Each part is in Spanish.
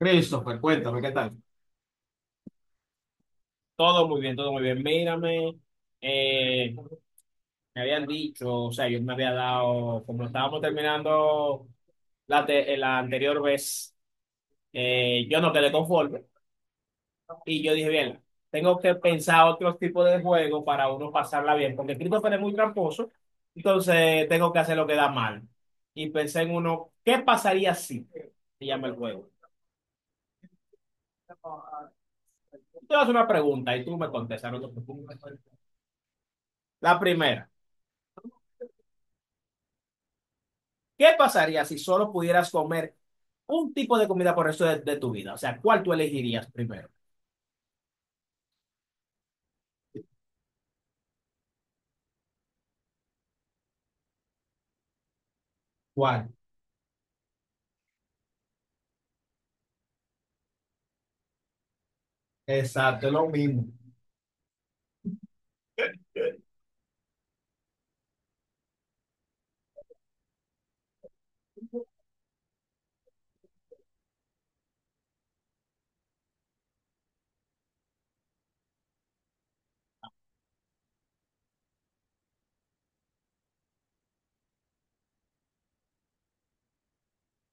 Christopher, cuéntame, ¿qué tal? Todo muy bien, todo muy bien. Mírame, eh, me habían dicho, o sea, yo me había dado, como estábamos terminando la anterior vez, yo no quedé conforme y yo dije, bien, tengo que pensar otros tipos de juegos para uno pasarla bien, porque Christopher es muy tramposo, entonces tengo que hacer lo que da mal. Y pensé en uno, ¿qué pasaría si? Se llama el juego. Yo te hago una pregunta y tú me contestas, no te preocupes. La primera, ¿qué pasaría si solo pudieras comer un tipo de comida por el resto de tu vida? O sea, ¿cuál tú elegirías primero? ¿Cuál? Exacto, es lo mismo.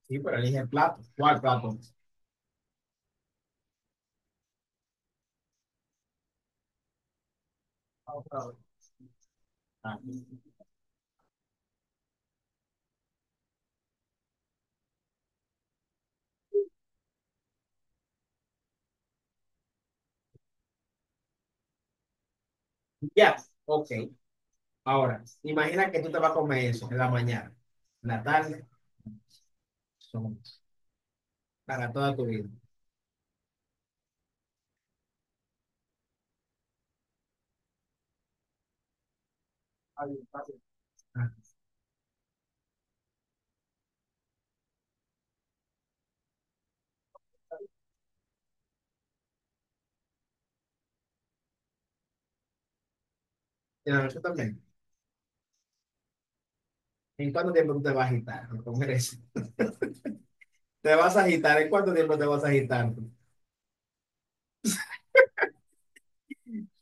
Sí, pero elige el plato. ¿Cuál plato? Ah, ya, ok. Ahora, imagina que tú te vas a comer eso en la mañana, en la tarde, para toda tu vida. Está. Y en la noche también. ¿En cuánto tiempo tú te vas a agitar? ¿Cómo eres? ¿Te vas a agitar? ¿En cuánto tiempo te vas a agitar?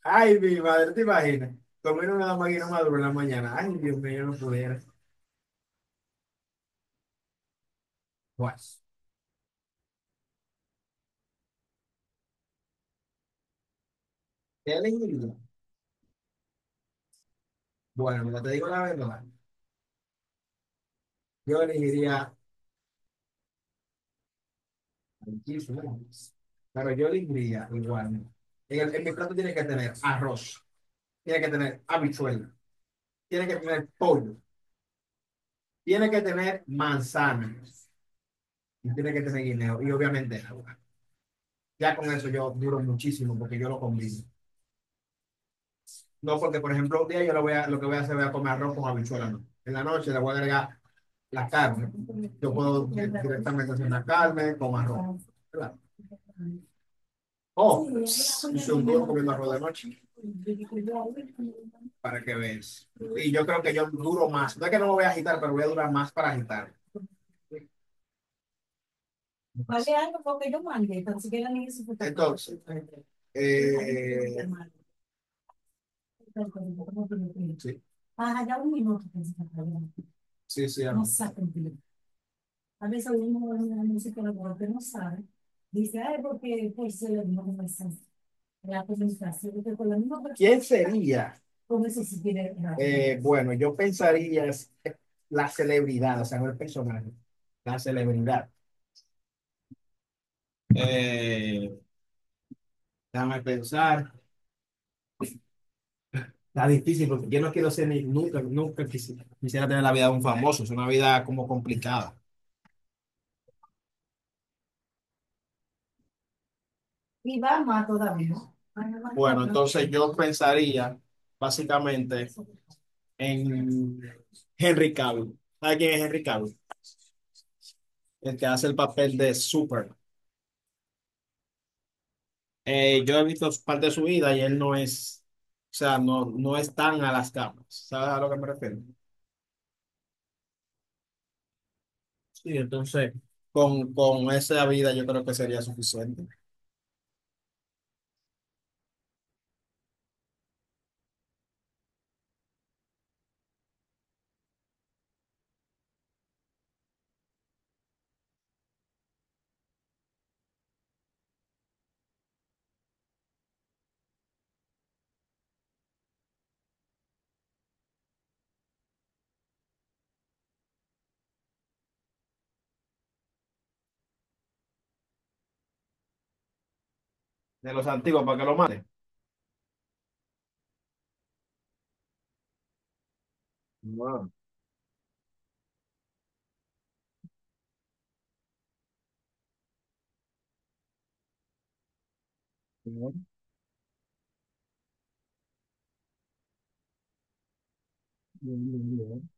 Ay, mi madre, ¿te imaginas? Comer una máquina madura en la mañana. Ay, Dios mío, yo no pudiera. Bueno, ¿qué elegiría? Bueno, mira, te digo la verdad. Yo elegiría muchísimos. Pero yo elegiría igual. En mi plato tiene que tener arroz, tiene que tener habichuela, tiene que tener pollo, tiene que tener manzana, tiene que tener guineo y obviamente agua. Ya con eso yo duro muchísimo porque yo lo combino. No porque, por ejemplo, un día yo lo, voy a, lo que voy a hacer voy a comer arroz con habichuela, no. En la noche le voy a agregar la carne. Yo puedo directamente hacer una carne con arroz. ¿Verdad? O oh, hice un duro comiendo arroz de noche para que veas. Y yo creo que yo duro más. No es que no me voy a agitar, pero voy a durar más para agitar. Vale algo porque yo mandé, tan siquiera ni eso. Entonces, Eh, sí, ah ya un minuto, pensé que estaba bien. Sí, sí, no amén. Saben. A veces uno es una música lo que no sabe. Dice, ay, porque pues se le dio una sensación. La comunicación, porque con la misma persona, ¿quién sería? Con eso sí tiene razón. Bueno, yo pensaría la celebridad, o sea, no el personaje, la celebridad. Eh, déjame pensar, está difícil porque yo no quiero ser ni, nunca, nunca quisiera tener la vida de un famoso, es una vida como complicada. Y va más todavía. Bueno, entonces yo pensaría básicamente en Henry Cavill. ¿Sabes quién es Henry Cavill? El que hace el papel de Super. Yo he visto parte de su vida y él no es, o sea, no, no es tan a las camas. ¿Sabes a lo que me refiero? Sí, entonces, con esa vida yo creo que sería suficiente. De los antiguos, ¿para que lo mate? Wow, bien, bien, bien.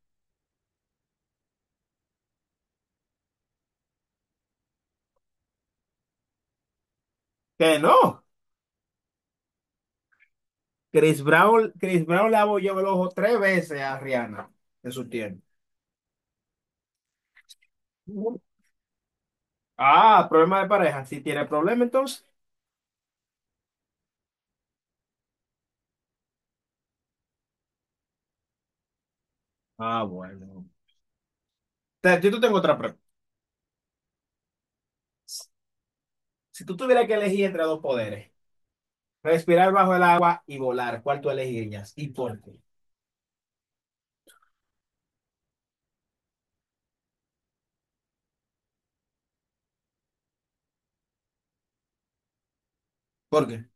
Que no. Chris Brown, Chris Brown le abolló el ojo tres veces a Rihanna en su tiempo. Ah, problema de pareja. Si tiene problema, entonces. Ah, bueno. Yo te tengo otra pregunta. Si tú tuvieras que elegir entre dos poderes, respirar bajo el agua y volar, ¿cuál tú elegirías? ¿Y por qué? Porque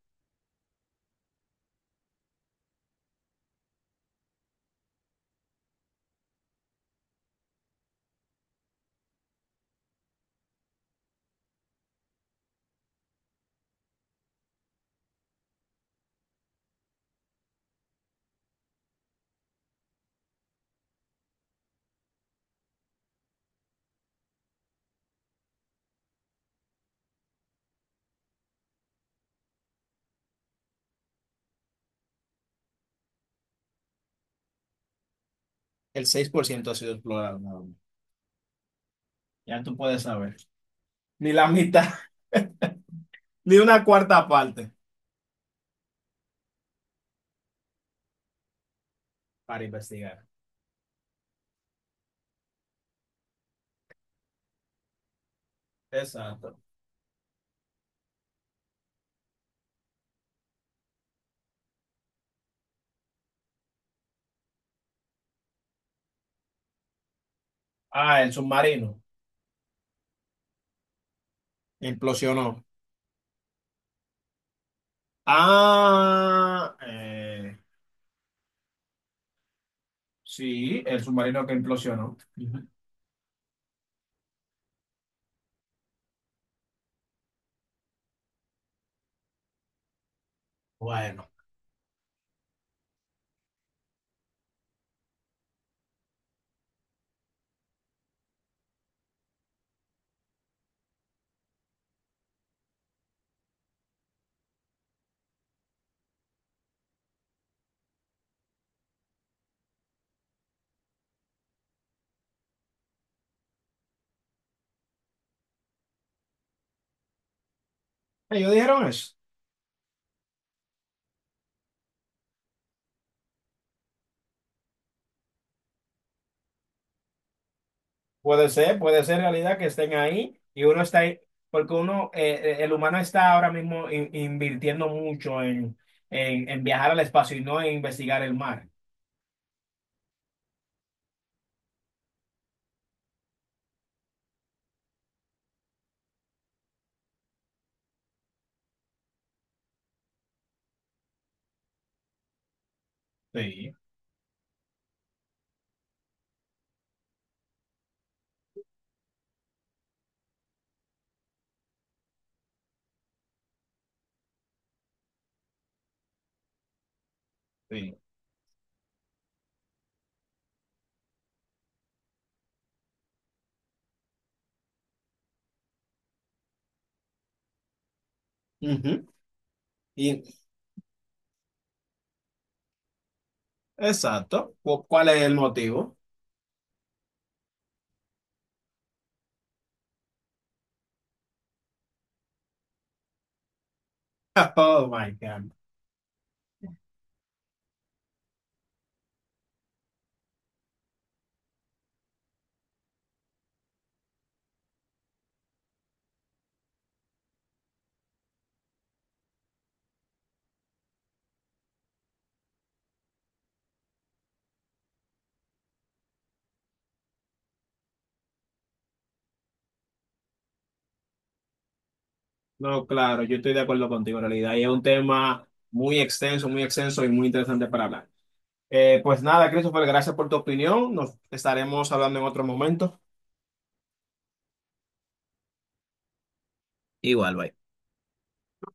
el 6% ha sido explorado, nada más. Ya tú puedes saber. Ni la mitad, ni una cuarta parte para investigar. Exacto. Ah, el submarino. Implosionó. Ah, eh, Sí, el submarino que implosionó. Ujú. Bueno, ellos dijeron eso. Puede ser realidad que estén ahí y uno está ahí, porque uno, el humano está ahora mismo invirtiendo mucho en, en viajar al espacio y no en investigar el mar. Sí, sí. Ujú. Y, exacto. ¿Cuál es el motivo? Oh my God. No, claro, yo estoy de acuerdo contigo en realidad. Y es un tema muy extenso y muy interesante para hablar. Pues nada, Christopher, gracias por tu opinión. Nos estaremos hablando en otro momento.